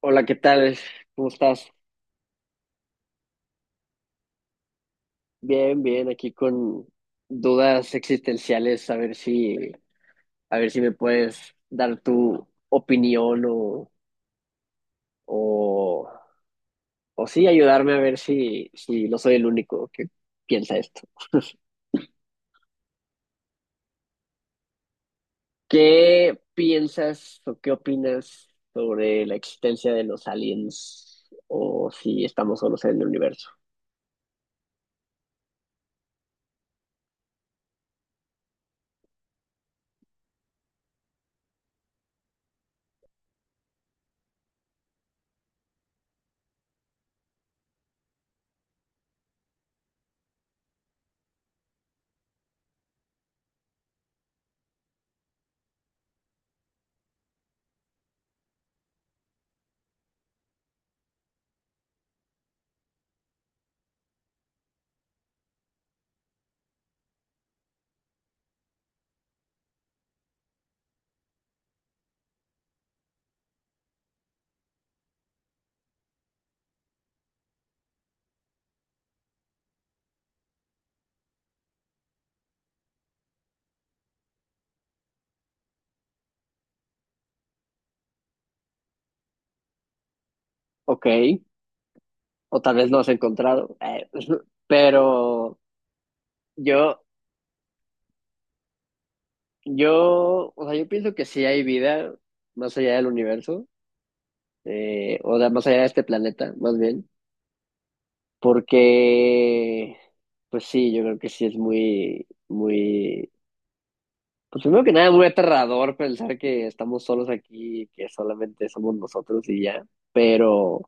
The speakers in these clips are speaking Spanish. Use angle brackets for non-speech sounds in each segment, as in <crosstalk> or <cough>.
Hola, ¿qué tal? ¿Cómo estás? Bien, bien, aquí con dudas existenciales, a ver si me puedes dar tu opinión o, o sí ayudarme a ver si, si no soy el único que piensa esto. <laughs> ¿Qué piensas o qué opinas sobre la existencia de los aliens o si estamos solos en el universo? Ok, o tal vez no has encontrado, <laughs> pero yo, yo, o sea, yo pienso que sí hay vida más allá del universo. O da más allá de este planeta, más bien, porque, pues sí, yo creo que sí es muy, muy, pues primero que nada, muy aterrador pensar que estamos solos aquí, que solamente somos nosotros y ya, pero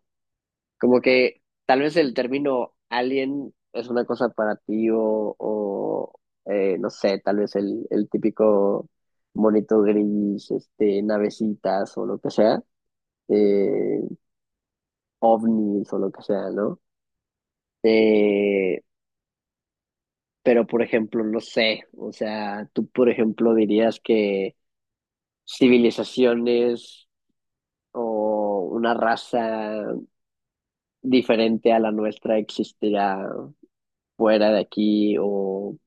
como que tal vez el término alien es una cosa para ti o no sé, tal vez el típico monito gris, este, navecitas o lo que sea. eh, Ovnis o lo que sea, ¿no? Eh, pero, por ejemplo, no sé, o sea, tú, por ejemplo, dirías que civilizaciones o una raza diferente a la nuestra existirá fuera de aquí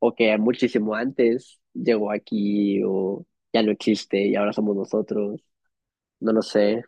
o que muchísimo antes llegó aquí o ya no existe y ahora somos nosotros, no lo sé.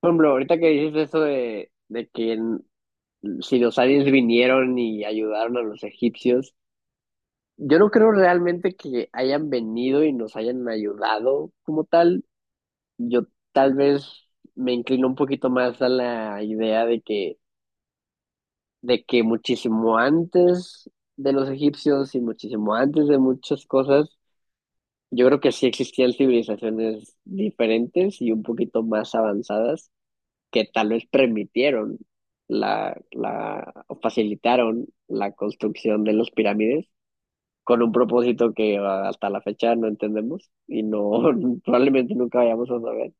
Por ejemplo, ahorita que dices eso de que en- si los aliens vinieron y ayudaron a los egipcios, yo no creo realmente que hayan venido y nos hayan ayudado como tal. Yo tal vez me inclino un poquito más a la idea de que muchísimo antes de los egipcios y muchísimo antes de muchas cosas, yo creo que sí existían civilizaciones diferentes y un poquito más avanzadas que tal vez permitieron o facilitaron la construcción de las pirámides con un propósito que hasta la fecha no entendemos y no <laughs> probablemente nunca vayamos a saber,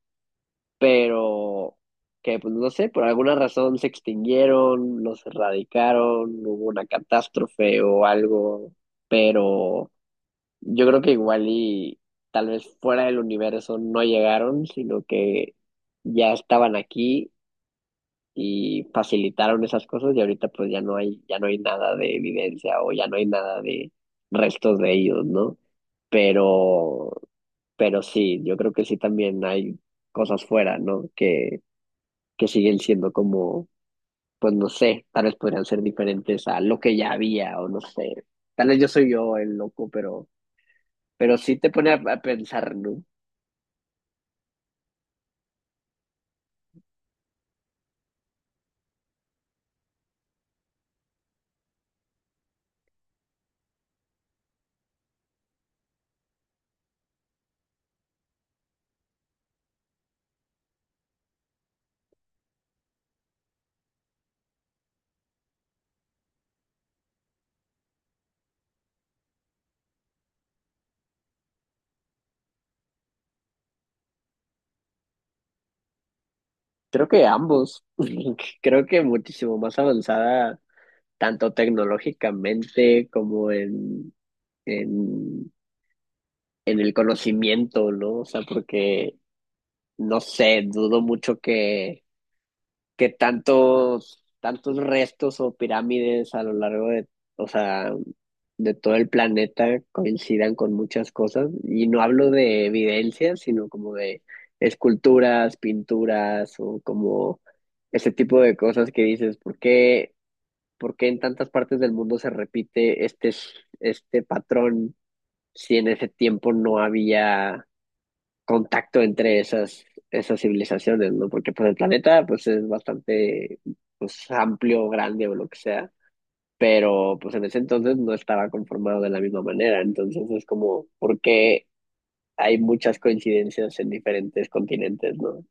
pero que pues no sé, por alguna razón se extinguieron, los erradicaron, hubo una catástrofe o algo, pero yo creo que igual y tal vez fuera del universo no llegaron, sino que ya estaban aquí y facilitaron esas cosas y ahorita pues ya no hay nada de evidencia o ya no hay nada de restos de ellos, ¿no? Pero, pero sí, yo creo que sí también hay cosas fuera, ¿no? Que siguen siendo como, pues no sé, tal vez podrían ser diferentes a lo que ya había o no sé. Tal vez yo soy yo el loco, pero sí te pone a pensar, ¿no? Creo que ambos, <laughs> creo que muchísimo más avanzada, tanto tecnológicamente como en, en el conocimiento, ¿no? O sea, porque, no sé, dudo mucho que tantos, tantos restos o pirámides a lo largo de, o sea, de todo el planeta coincidan con muchas cosas. Y no hablo de evidencias, sino como de esculturas, pinturas o como ese tipo de cosas que dices, ¿por qué en tantas partes del mundo se repite este patrón si en ese tiempo no había contacto entre esas civilizaciones, ¿no? Porque pues el planeta pues es bastante pues amplio, grande o lo que sea, pero pues en ese entonces no estaba conformado de la misma manera, entonces es como, por qué hay muchas coincidencias en diferentes continentes, ¿no?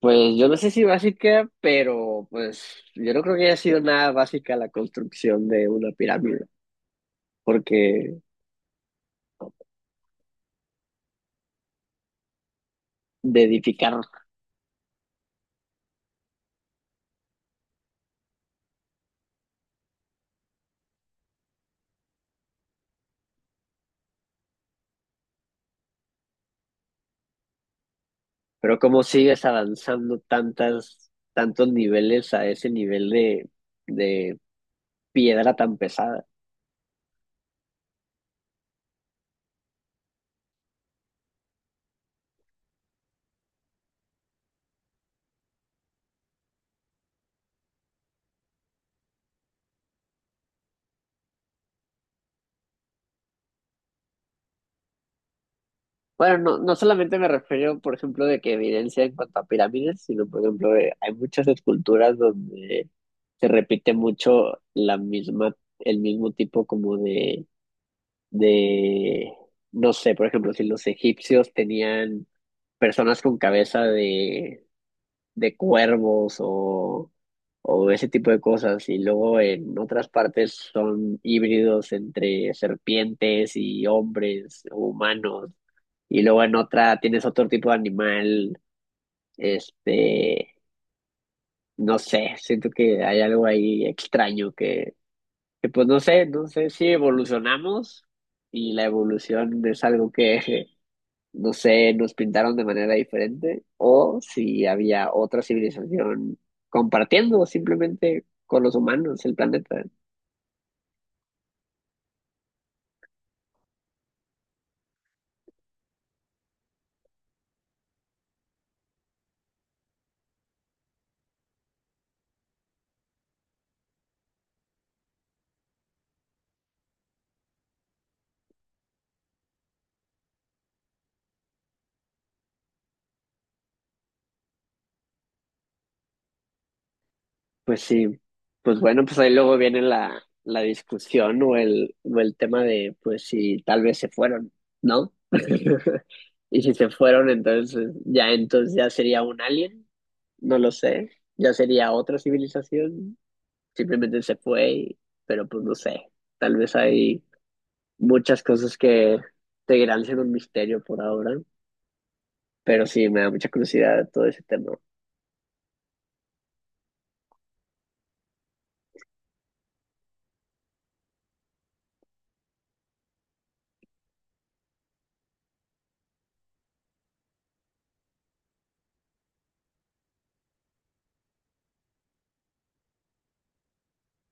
Pues yo no sé si básica, pero pues yo no creo que haya sido nada básica la construcción de una pirámide, porque de edificar pero cómo sigues avanzando tantas, tantos niveles a ese nivel de piedra tan pesada. Bueno, no, no solamente me refiero, por ejemplo, de que evidencia en cuanto a pirámides, sino, por ejemplo, de- hay muchas esculturas donde se repite mucho la misma, el mismo tipo como de, no sé, por ejemplo, si los egipcios tenían personas con cabeza de cuervos o ese tipo de cosas. Y luego en otras partes son híbridos entre serpientes y hombres o humanos. Y luego en otra tienes otro tipo de animal. Este, no sé, siento que hay algo ahí extraño que pues no sé, no sé si evolucionamos y la evolución es algo que <laughs> no sé, nos pintaron de manera diferente, o si había otra civilización compartiendo simplemente con los humanos el planeta. Pues sí, pues bueno, pues ahí luego viene la discusión o o el tema de, pues si tal vez se fueron, ¿no? <laughs> Y si se fueron, entonces ya sería un alien, no lo sé, ya sería otra civilización, simplemente se fue, y- pero pues no sé, tal vez hay muchas cosas que seguirán siendo un misterio por ahora, pero sí, me da mucha curiosidad todo ese tema.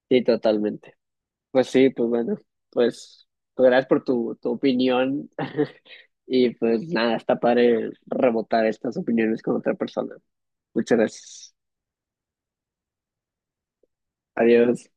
Sí, totalmente. Pues sí, pues bueno, pues, pues gracias por tu opinión <laughs> y pues nada, está padre rebotar estas opiniones con otra persona. Muchas gracias. Adiós.